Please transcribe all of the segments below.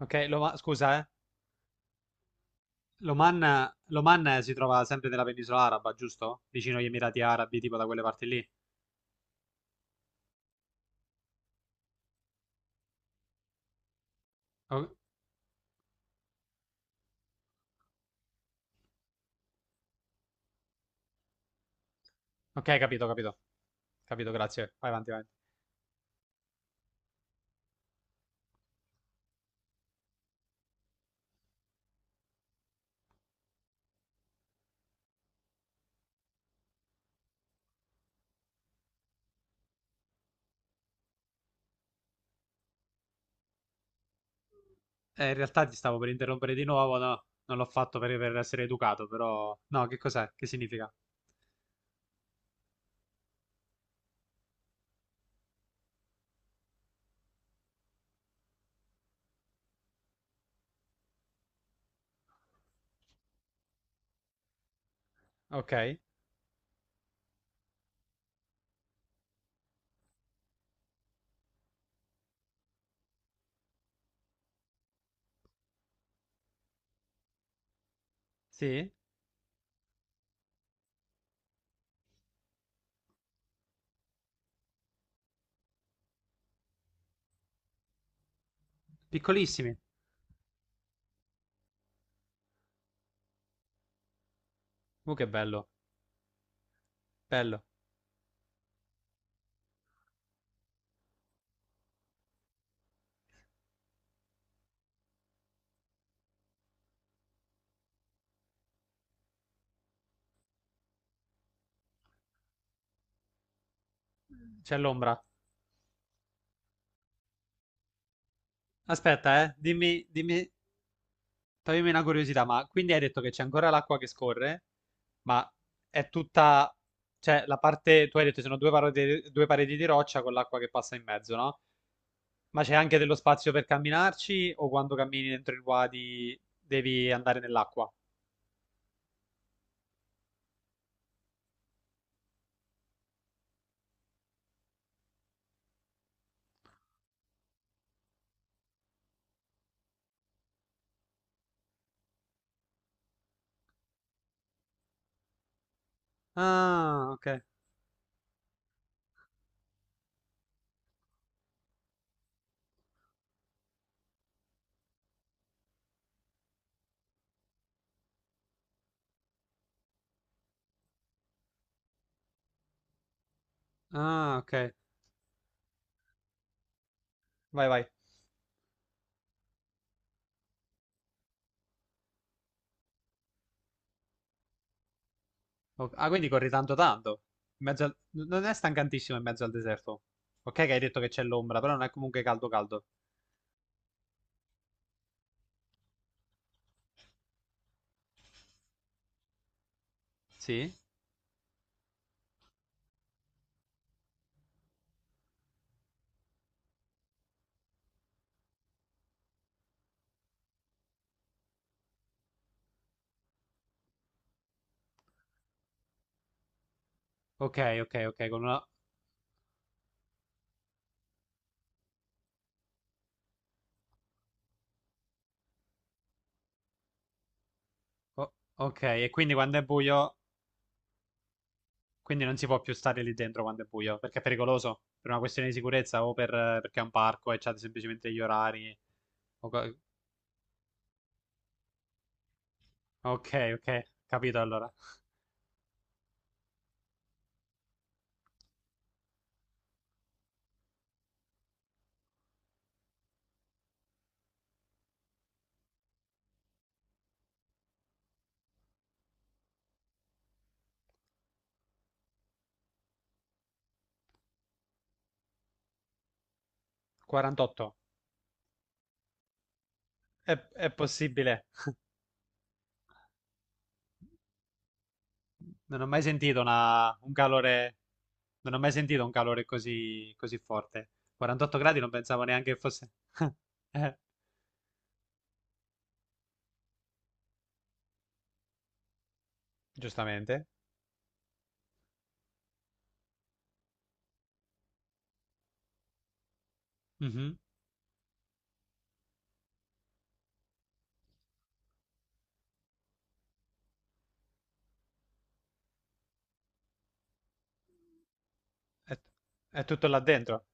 Ok, Loma- scusa, L'Oman, l'Oman, si trova sempre nella penisola araba, giusto? Vicino agli Emirati Arabi, tipo da quelle parti lì. O- ok, capito, capito. Capito, grazie. Vai avanti, vai. In realtà ti stavo per interrompere di nuovo, no? Non l'ho fatto per essere educato, però... No, che cos'è? Che significa? Ok, sì. Piccolissimi. Che bello. Bello. C'è l'ombra. Aspetta, eh. Dimmi, dimmi, toglimi una curiosità, ma quindi hai detto che c'è ancora l'acqua che scorre, ma è tutta, cioè la parte, tu hai detto ci sono due parodi- due pareti, di roccia con l'acqua che passa in mezzo, no? Ma c'è anche dello spazio per camminarci o quando cammini dentro il wadi devi andare nell'acqua? Ah, ok. Ah, ok. Vai, vai. O- Ah, quindi corri tanto tanto. In mezzo al- Non è stancantissimo in mezzo al deserto? Ok che hai detto che c'è l'ombra, però non è comunque caldo caldo. Sì? Ok, ok, ok, con una, O- ok, e quindi quando è buio, quindi non si può più stare lì dentro quando è buio, perché è pericoloso, per una questione di sicurezza o per, perché è un parco e c'ha semplicemente gli orari. O co- ok, ok, capito allora. 48. È possibile. Non ho mai sentito una- un calore, non ho mai sentito un calore così, così forte. 48 gradi non pensavo neanche che fosse... Eh, giustamente. Mhm. È, è tutto là dentro.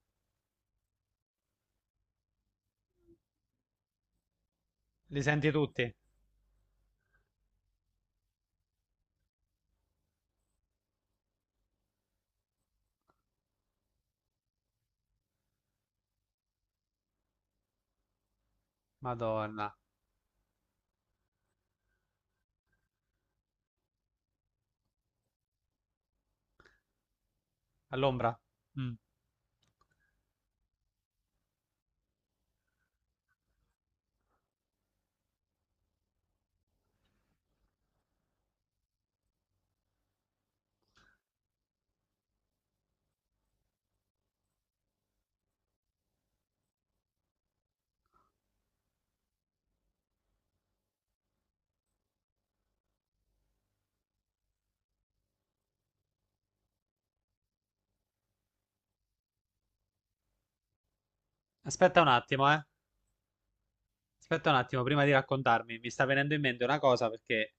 Li senti tutti? Madonna, all'ombra? Mm. Aspetta un attimo, eh. Aspetta un attimo, prima di raccontarmi, mi sta venendo in mente una cosa perché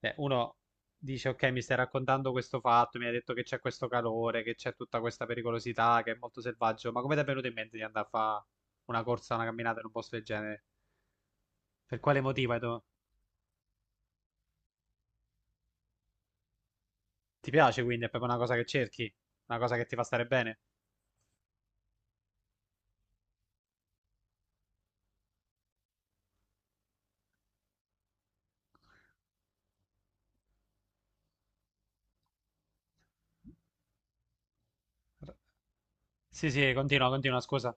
uno dice, ok, mi stai raccontando questo fatto, mi hai detto che c'è questo calore, che c'è tutta questa pericolosità, che è molto selvaggio, ma come ti è venuto in mente di andare a fare una corsa, una camminata in un posto del genere? Per quale motivo? Hai dov- Ti piace quindi? È proprio una cosa che cerchi? Una cosa che ti fa stare bene? Sì, sì, continua, continua, scusa.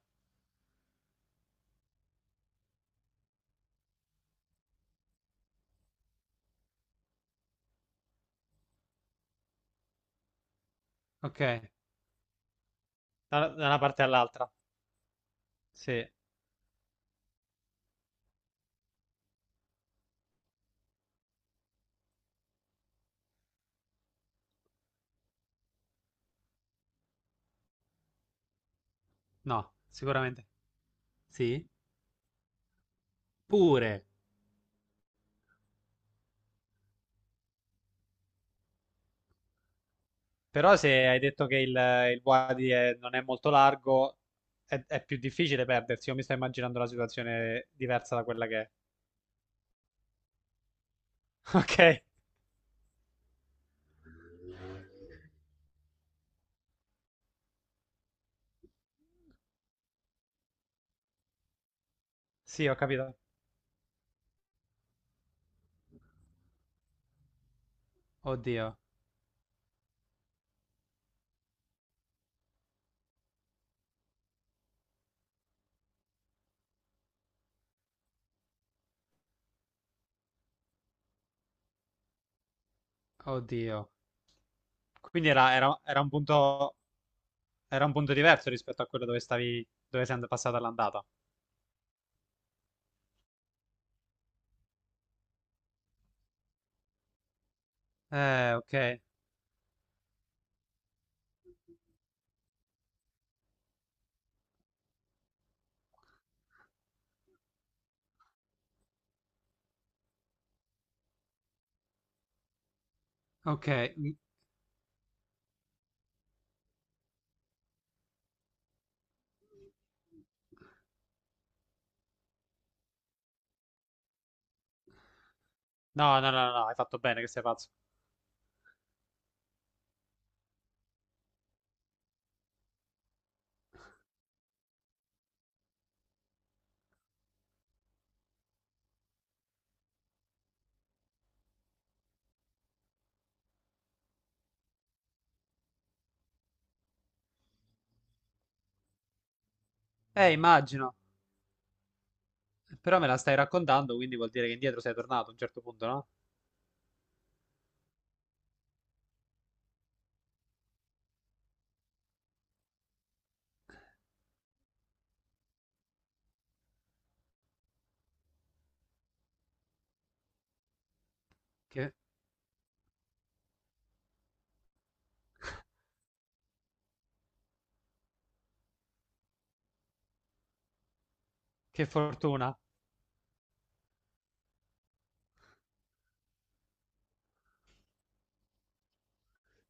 Ok, da da una parte all'altra. Sì, no, sicuramente. Sì, pure. Però se hai detto che il Wadi è- non è molto largo, è più difficile perdersi. Io mi sto immaginando una situazione diversa da quella che è. Ok? Sì, ho capito. Oddio, oddio. Quindi era, era- era un punto diverso rispetto a quello dove stavi, dove sei and- passata all'andata. Ok, ok. Mm. No, no, no, no, hai fatto bene che sei pazzo. Immagino. Però me la stai raccontando, quindi vuol dire che indietro sei tornato a un certo punto, no? Che, che fortuna.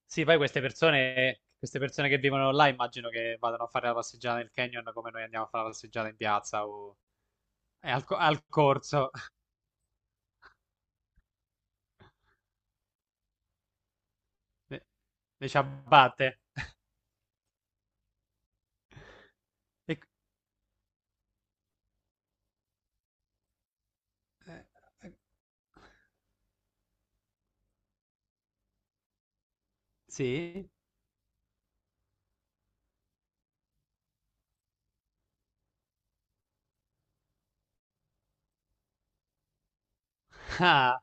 Sì, poi queste persone che vivono là immagino che vadano a fare la passeggiata nel canyon come noi andiamo a fare la passeggiata in piazza o al, co- al corso, le, le ciabatte. E- eh, sì? Ah.